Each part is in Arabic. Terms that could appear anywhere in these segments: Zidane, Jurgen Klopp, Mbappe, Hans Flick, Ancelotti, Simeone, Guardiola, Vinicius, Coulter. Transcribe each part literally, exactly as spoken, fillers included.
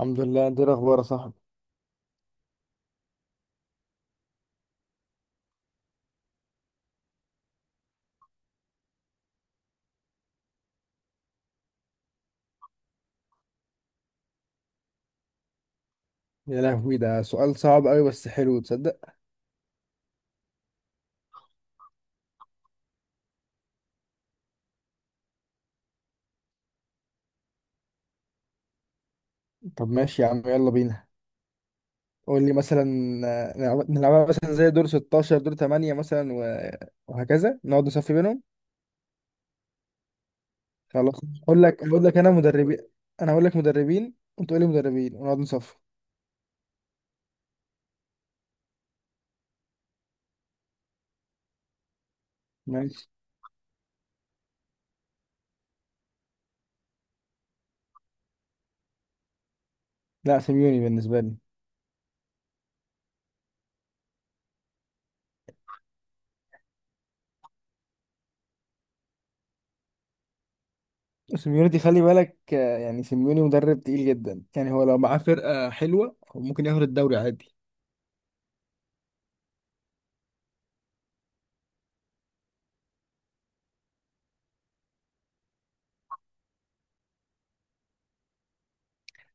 الحمد لله، انت ايه الاخبار يا صاحبي؟ يا لهوي، ده سؤال صعب قوي بس حلو، تصدق. طب ماشي يا عم، يلا بينا. قول لي مثلا. آه، نلعب- نلعبها مثلا زي دور ستاشر، دور تمانية مثلا، و- وهكذا نقعد نصفي بينهم. خلاص. اقول لك اقول لك انا مدربين، انا اقول لك مدربين وانت تقول لي مدربين ونقعد نصفي. ماشي. لا، سيميوني بالنسبه لي. سيميوني دي خلي بالك، آه، يعني سيميوني مدرب تقيل جدا، يعني هو لو معاه فرقه حلوه هو ممكن ياخد الدوري عادي.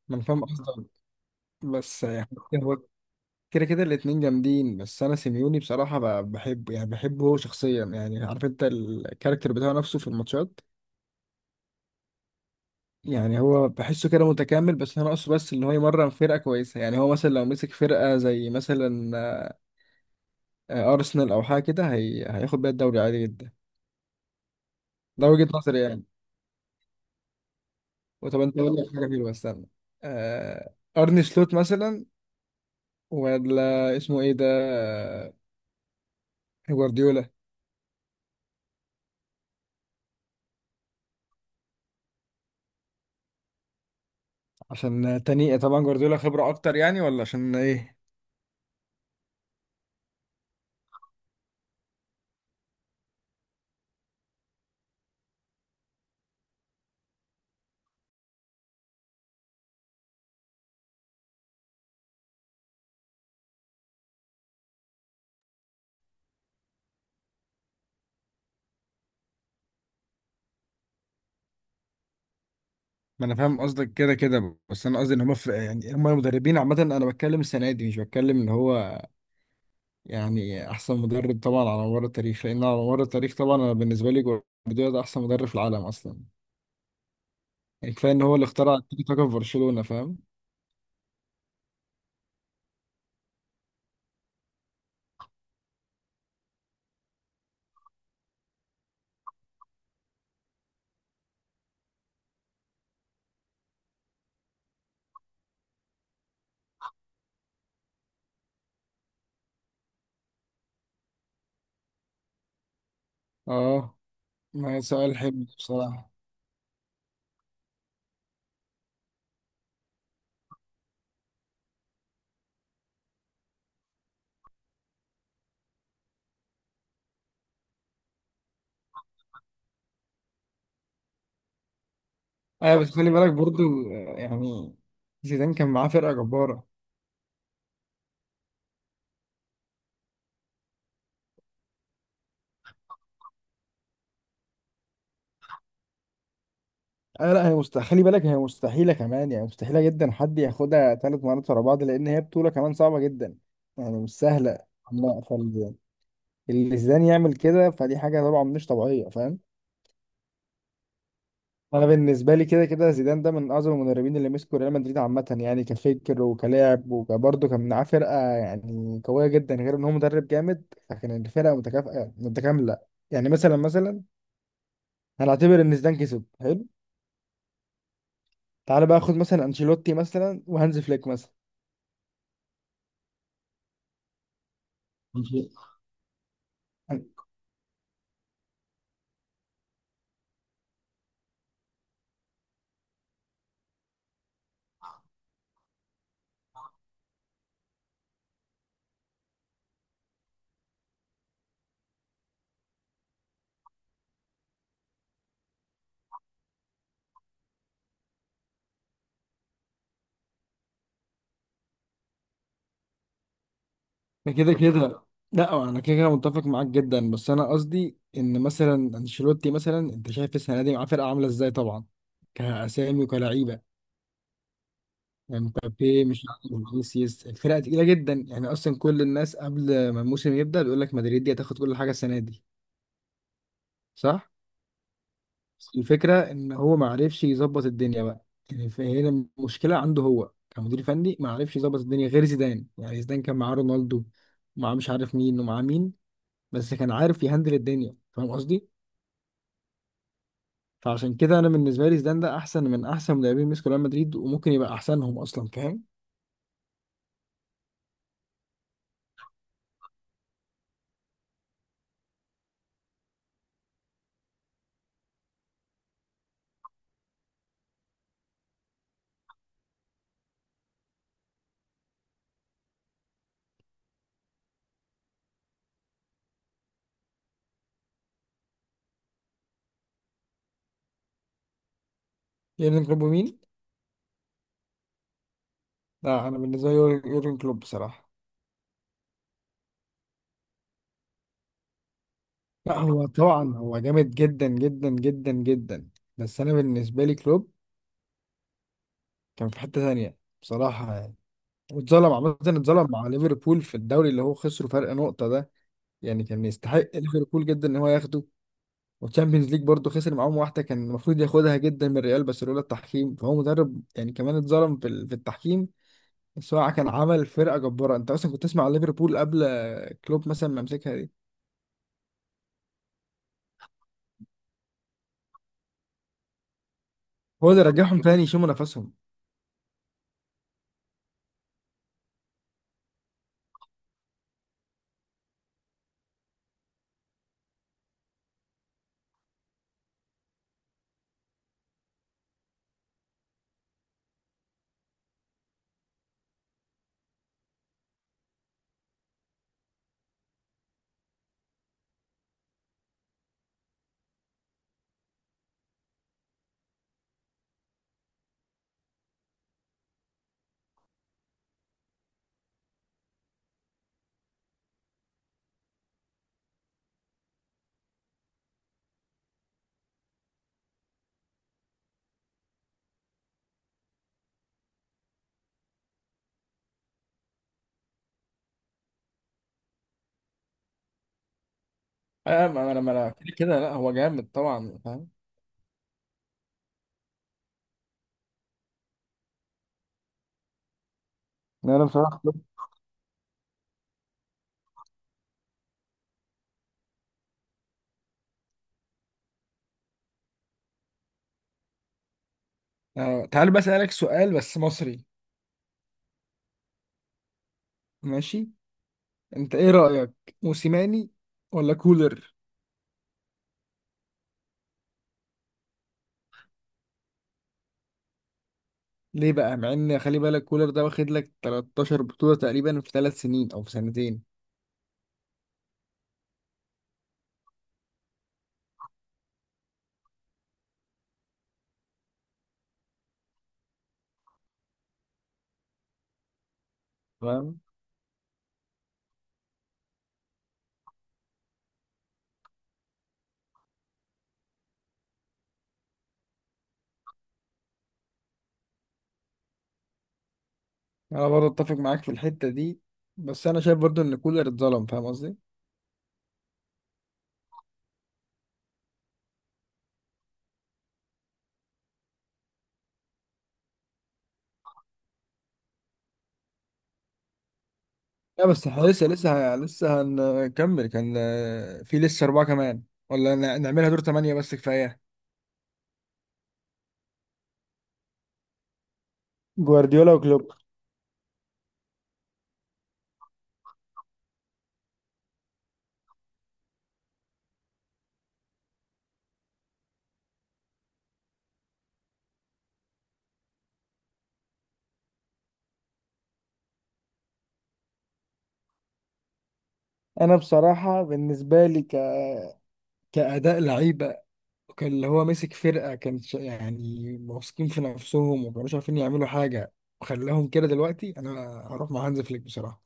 ما انا فاهم قصدك، بس يعني كده كده الاتنين جامدين، بس انا سيميوني بصراحه ب- بحبه، يعني بحبه هو شخصيا، يعني عارف انت الكاركتر بتاعه نفسه في الماتشات. يعني هو بحسه كده متكامل، بس هو ناقصه بس ان هو يمرن فرقه كويسه. يعني هو مثلا لو مسك فرقه زي مثلا آه، ارسنال او حاجه كده، هي... هياخد بيها الدوري عادي جدا. ده وجهه نظري يعني. وطب انت، اقول لك حاجه حلوه، استنى. آه... ارني سلوت مثلا، ولا اسمه ايه ده، آه، جوارديولا. عشان تاني طبعا جوارديولا خبره اكتر يعني، ولا عشان ايه؟ ما انا فاهم قصدك، كده كده، بس انا قصدي ان هم في، يعني هم المدربين عامه، انا بتكلم السنه دي مش بتكلم ان هو يعني احسن مدرب طبعا على مر التاريخ. لان على مر التاريخ طبعا انا بالنسبه لي جوارديولا ده احسن مدرب في العالم اصلا. يعني كفايه ان هو اللي اخترع التيكي تاكا في برشلونه، فاهم. اه، ما هي سؤال حلو بصراحه. ايوه، بس خلي بالك برضو، آه، يعني زيدان كان معاه فرقه جباره. آه لا، هي مستحيل، خلي بالك، هي مستحيلة كمان، يعني مستحيلة جدا حد ياخدها ثلاث مرات ورا بعض، لأن هي بطولة كمان صعبة جدا، يعني مش سهلة. لا، فاللي زيدان يعمل كده فدي حاجة طبعا مش طبيعية، فاهم. أنا بالنسبة لي كده كده زيدان ده من أعظم المدربين اللي مسكوا ريال مدريد عامة، يعني كفكر وكلاعب وكبرضه كان معاه فرقة يعني قوية جدا، غير إن هو مدرب جامد، فكان الفرقة متكافئة متكاملة. يعني مثلا، مثلا هنعتبر إن زيدان كسب. حلو. تعالى بقى خد مثلا أنشيلوتي مثلا وهانز فليك مثلا. أنشيلوتي. ده كده كده، لا انا كده كده متفق معاك جدا، بس انا قصدي ان مثلا انشيلوتي، مثلا انت شايف السنه دي معاه فرقه عامله ازاي طبعا، كاسامي وكلعيبه. يعني مبابي، مش عارف فينيسيوس، الفرقه تقيله جدا يعني، اصلا كل الناس قبل ما الموسم يبدا بيقول لك مدريد دي هتاخد كل حاجه السنه دي. صح. بس الفكره ان هو ما عرفش يظبط الدنيا بقى، يعني فهنا المشكله عنده هو كمدير فني ما عرفش يظبط الدنيا غير زيدان. يعني زيدان كان معاه رونالدو ومعاه مش عارف مين ومعاه مين، بس كان عارف يهندل الدنيا، فاهم قصدي. فعشان كده انا بالنسبه لي زيدان ده احسن من احسن مدربين مسكوا ريال مدريد، وممكن يبقى احسنهم اصلا، فاهم. يورجن كلوب مين؟ لا انا بالنسبه لي يور- يورجن كلوب بصراحه. لا هو طبعا هو جامد جدا جدا جدا جدا، بس انا بالنسبه لي كلوب كان في حته ثانيه بصراحه يعني. واتظلم عامه، اتظلم مع ليفربول في الدوري اللي هو خسره فرق نقطه ده. يعني كان يستحق ليفربول جدا ان هو ياخده. والتشامبيونز ليج برضه خسر معاهم واحده كان المفروض ياخدها جدا من ريال، بس لولا التحكيم، فهو مدرب يعني كمان اتظلم في ال- في التحكيم. بس هو كان عمل فرقه جباره. انت اصلا كنت تسمع عن ليفربول قبل كلوب مثلا، ما يمسكها دي. هو اللي رجعهم تاني يشموا نفسهم. اه، ما انا ما انا كده كده، لا هو جامد طبعا، فاهم. لا، انا بصراحه كلوب. آه، تعال بقى اسالك سؤال بس مصري. ماشي. انت ايه رأيك؟ موسيماني ولا كولر؟ ليه بقى، مع ان خلي بالك كولر ده واخد لك تلتاشر بطولة تقريبا في ثلاث سنين او في سنتين. تمام. انا برضه اتفق معاك في الحته دي، بس انا شايف برضه ان كولر اتظلم، فاهم قصدي. لا بس احنا لسه لسه لسه هنكمل، كان في لسه اربعه كمان، ولا ن- نعملها دور ثمانيه بس كفايه؟ جوارديولا وكلوب. انا بصراحه بالنسبه لي ك... كأداء لعيبة، كان اللي هو ماسك فرقة كان ش- يعني واثقين في نفسهم وما كانوش عارفين يعملوا حاجة، وخلاهم كده. دلوقتي أنا هروح مع هانز فليك بصراحة.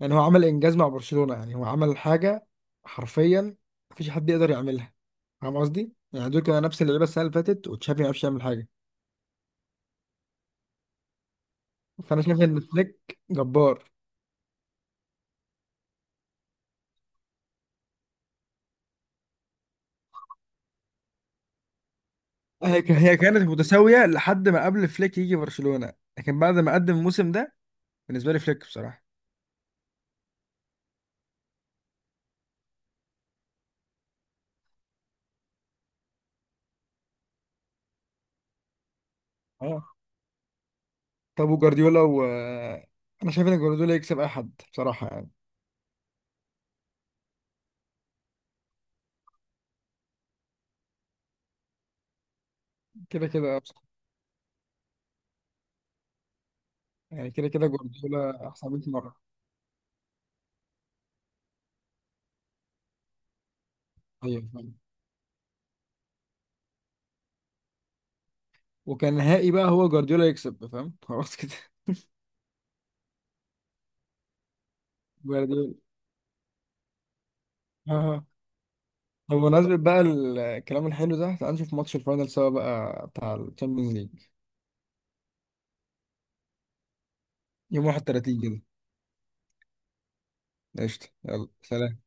يعني هو عمل انجاز مع برشلونة، يعني هو عمل حاجة حرفيا مفيش حد يقدر يعملها، فاهم قصدي؟ يعني دول كانوا نفس اللعيبة السنة اللي فاتت وتشافي ما عرفش يعمل حاجة، فأنا شايف إن فليك جبار. هي ك- هي كانت متساوية لحد ما قبل فليك يجي برشلونة، لكن بعد ما قدم الموسم ده بالنسبة لي فليك بصراحة. اه. طب وجارديولا؟ و أنا شايف إن جارديولا يكسب أي حد بصراحة يعني. كده كده بصراحة. يعني كده كده جارديولا أحسن مية مرة. أيوه فاهم. وكان نهائي بقى هو جارديولا يكسب، فاهم، خلاص كده. جارديولا. اه. طب بمناسبة بقى الكلام الحلو ده، تعال نشوف ماتش الفاينل سوا بقى بتاع الشامبيونز ليج. يوم واحد وتلاتين كده. قشطة، يلا سلام.